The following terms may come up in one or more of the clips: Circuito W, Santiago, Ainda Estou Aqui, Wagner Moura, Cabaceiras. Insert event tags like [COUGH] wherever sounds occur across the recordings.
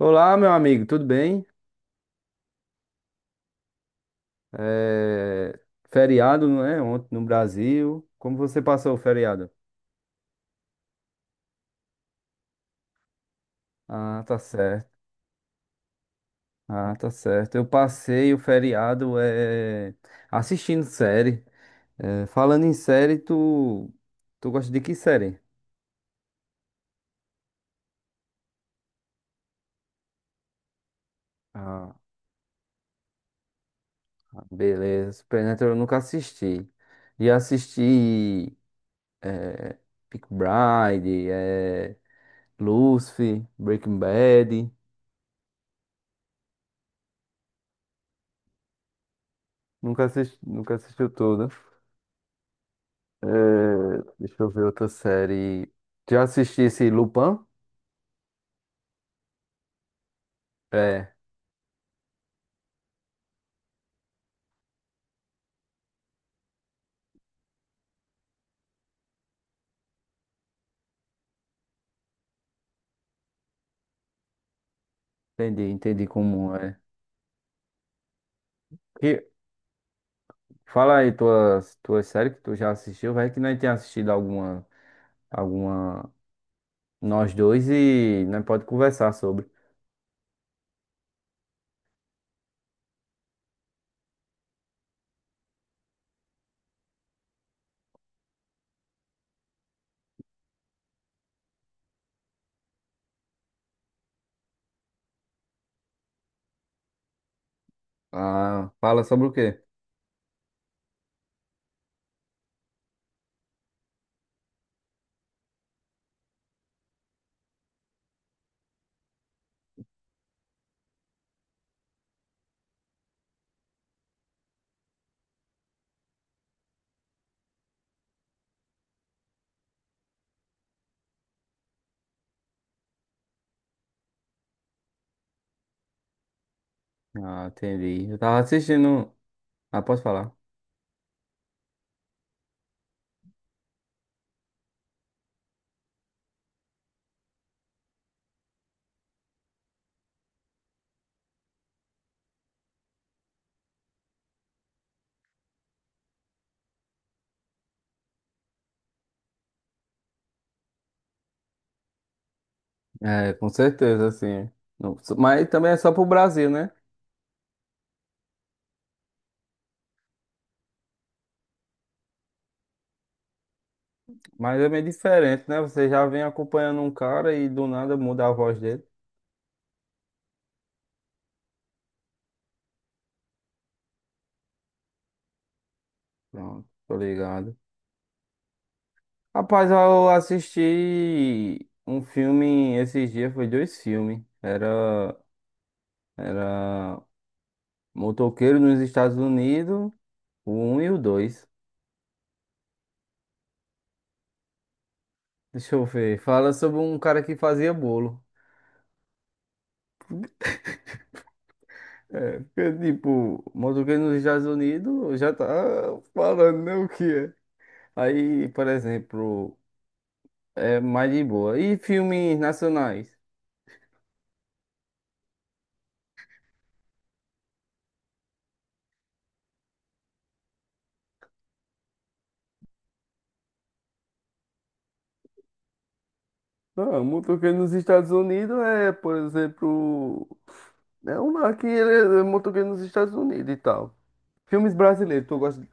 Olá, meu amigo, tudo bem? É... Feriado, não é? Ontem no Brasil. Como você passou o feriado? Ah, tá certo. Ah, tá certo. Eu passei o feriado assistindo série. É, falando em série, tu gosta de que série? Ah, beleza. Supernatural eu nunca assisti. E assisti Peaky Blinders, Lucifer, Breaking Bad. Nunca assisti... nunca assistiu tudo. É, deixa eu ver outra série. Já assisti esse Lupin? É, entendi, entendi como é. E fala aí tuas séries que tu já assistiu, vai que nós tenha assistido alguma, alguma, nós dois e nós pode conversar sobre. Ah, fala sobre o quê? Ah, entendi. Eu tava assistindo. Ah, posso falar? É, com certeza, sim. Não, so- Mas também é só pro Brasil, né? Mas é meio diferente, né? Você já vem acompanhando um cara e do nada muda a voz dele. Pronto, tô ligado. Rapaz, eu assisti um filme esses dias, foi dois filmes. Era Motoqueiro nos Estados Unidos, o um e o dois. Deixa eu ver. Fala sobre um cara que fazia bolo. É, porque, tipo, Motoqueiro nos Estados Unidos já tá falando, né, o que é. Aí, por exemplo, é mais de boa. E filmes nacionais? Não, o motoqueiro nos Estados Unidos é, por exemplo, é um aqui, ele é motoqueiro nos Estados Unidos e tal. Filmes brasileiros, tu gosta?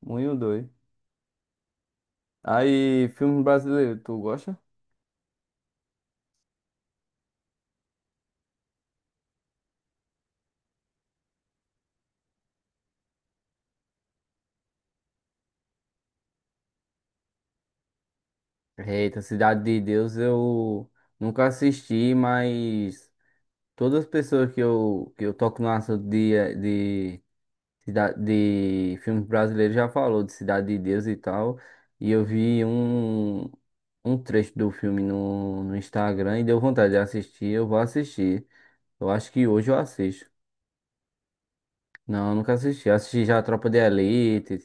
Muito doido. Aí, filmes brasileiros, tu gosta? Eita, Cidade de Deus eu nunca assisti, mas todas as pessoas que eu que eu toco no assunto de de filmes brasileiros já falou de Cidade de Deus e tal. E eu vi um trecho do filme no Instagram e deu vontade de assistir. Eu vou assistir. Eu acho que hoje eu assisto. Não, eu nunca assisti. Assisti já a Tropa de Elite.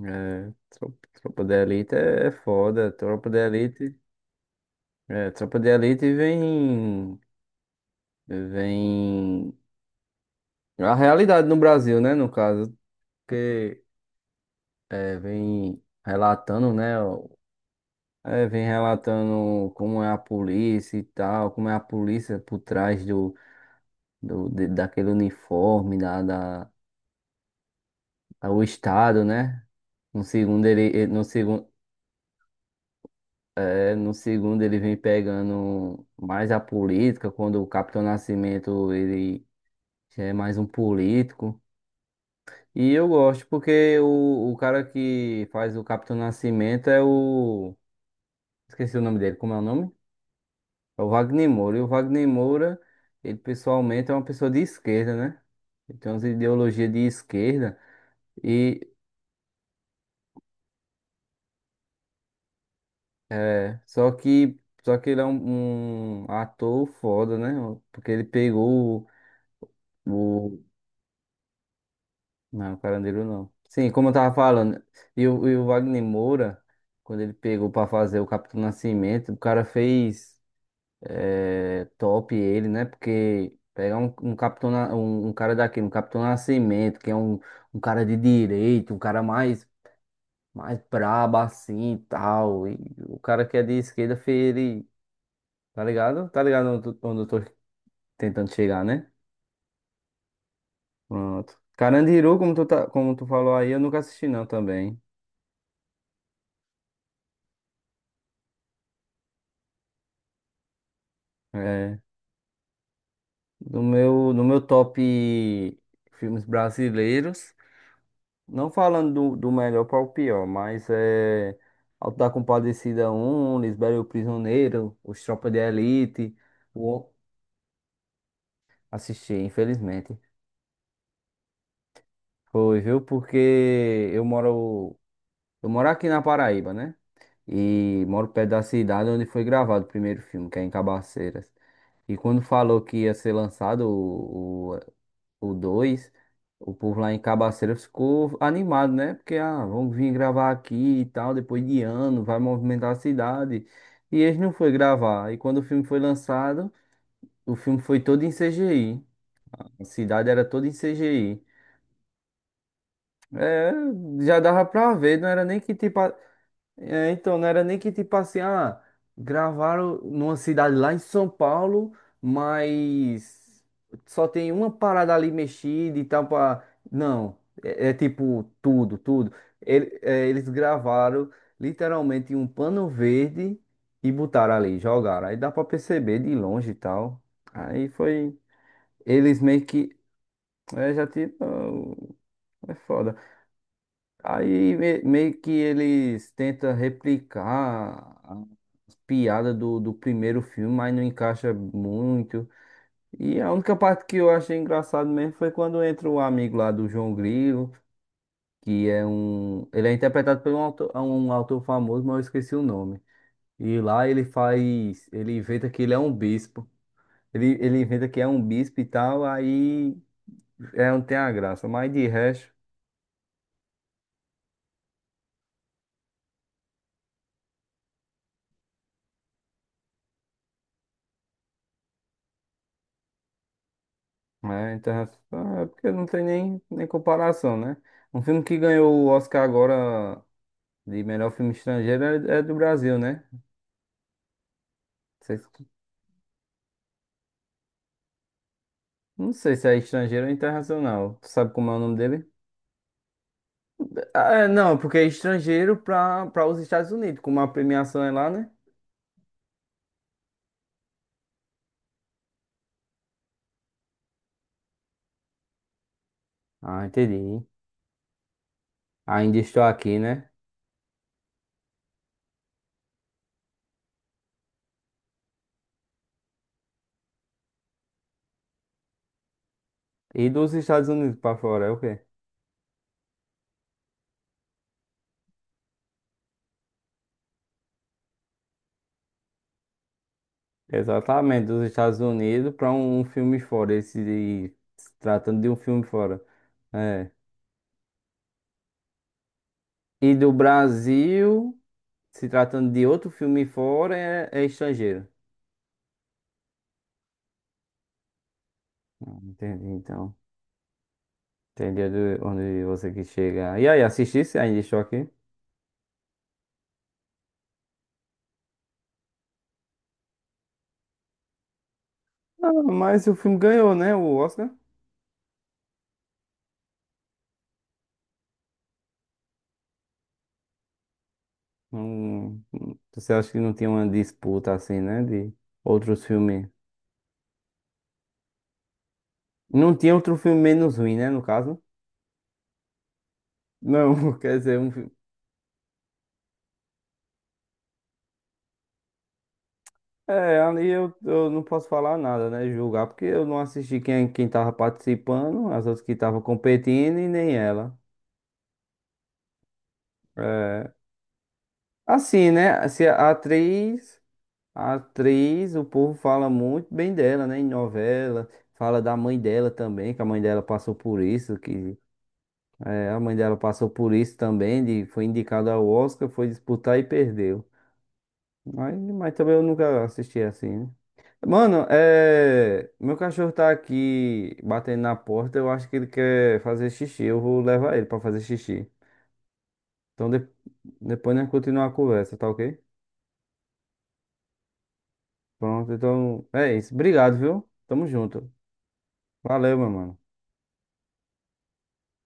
É, Tropa de Elite é foda. Tropa de Elite. É, Tropa de Elite vem. Vem. A realidade no Brasil, né? No caso, porque é, vem relatando, né? É, vem relatando como é a polícia e tal, como é a polícia por trás daquele uniforme, da, o estado, né? No segundo no segundo, é, no segundo ele vem pegando mais a política, quando o Capitão Nascimento ele já é mais um político. E eu gosto porque o cara que faz o Capitão Nascimento é o, esqueci o nome dele, como é o nome? É o Wagner Moura. E o Wagner Moura, ele pessoalmente é uma pessoa de esquerda, né? Ele tem umas ideologias de esquerda. E é, só que ele é um, um ator foda, né? Porque ele pegou o... Não, o Carandiru não. Sim, como eu tava falando. E o Wagner Moura, quando ele pegou pra fazer o Capitão Nascimento, o cara fez. É, top ele, né? Porque pegar um, um capitão, um, um cara daquele, um capitão Nascimento, que é um, um cara de direito, um cara mais, mais brabo assim e tal. E o cara que é de esquerda, ele. Tá ligado? Tá ligado onde eu tô tentando chegar, né? Pronto. Carandiru, como como tu falou aí, eu nunca assisti não também. É, no meu, no meu top filmes brasileiros. Não falando do melhor para o pior, mas é. Auto da Compadecida Um Lisbela e o Prisioneiro, Os Tropas de Elite. O... Assisti, infelizmente. Foi, viu? Porque eu moro. Eu moro aqui na Paraíba, né? E moro perto da cidade onde foi gravado o primeiro filme, que é em Cabaceiras. E quando falou que ia ser lançado o dois, o povo lá em Cabaceira ficou animado, né? Porque, ah, vamos vir gravar aqui e tal, depois de ano, vai movimentar a cidade. E eles não foi gravar. E quando o filme foi lançado, o filme foi todo em CGI. A cidade era toda em CGI. É, já dava pra ver, não era nem que tipo. É, então, não era nem que tipo assim, ah, gravaram numa cidade lá em São Paulo, mas só tem uma parada ali mexida e tal pra... Não, é, é tipo tudo, tudo. Eles gravaram literalmente em um pano verde e botaram ali, jogaram. Aí dá pra perceber de longe e tal. Aí foi... Eles meio que... É, já tinha... É foda. Meio que eles tentam replicar as piadas do primeiro filme, mas não encaixa muito. E a única parte que eu achei engraçado mesmo foi quando entra o amigo lá do João Grilo, que é um. Ele é interpretado por um autor famoso, mas eu esqueci o nome. E lá ele faz. Ele inventa que ele é um bispo. Ele inventa que é um bispo e tal, aí é, não tem a graça. Mas de resto. É, internacional, é porque não tem nem comparação, né? Um filme que ganhou o Oscar agora de melhor filme estrangeiro é do Brasil, né? Não sei, se não sei se é estrangeiro ou internacional. Tu sabe como é o nome dele? Ah, é, não, é porque é estrangeiro para os Estados Unidos, como a premiação é lá, né? Ah, entendi. Ainda estou aqui, né? E dos Estados Unidos para fora, é o quê? Exatamente, dos Estados Unidos para um filme fora, esse de, se tratando de um filme fora. É. E do Brasil, se tratando de outro filme fora, é estrangeiro. Ah, entendi, então. Entendi onde você quis chegar. E aí, assistisse ainda estou aqui? Ah, mas o filme ganhou, né? O Oscar. Não- Você acha que não tinha uma disputa assim, né? De outros filmes. Não tinha outro filme menos ruim, né? No caso. Não, [LAUGHS] quer dizer, um filme. É, ali eu não posso falar nada, né? Julgar, porque eu não assisti quem, quem tava participando, as outras que estavam competindo e nem ela. Assim, né? Se a atriz, a atriz, o povo fala muito bem dela, né? Em novela, fala da mãe dela também, que a mãe dela passou por isso, que é, a mãe dela passou por isso também, de, foi indicada ao Oscar, foi disputar e perdeu. Mas também eu nunca assisti assim, né? Mano, é, meu cachorro tá aqui batendo na porta, eu acho que ele quer fazer xixi, eu vou levar ele pra fazer xixi. Então depois nós continuamos a conversa, tá ok? Pronto, então é isso. Obrigado, viu? Tamo junto. Valeu, meu mano.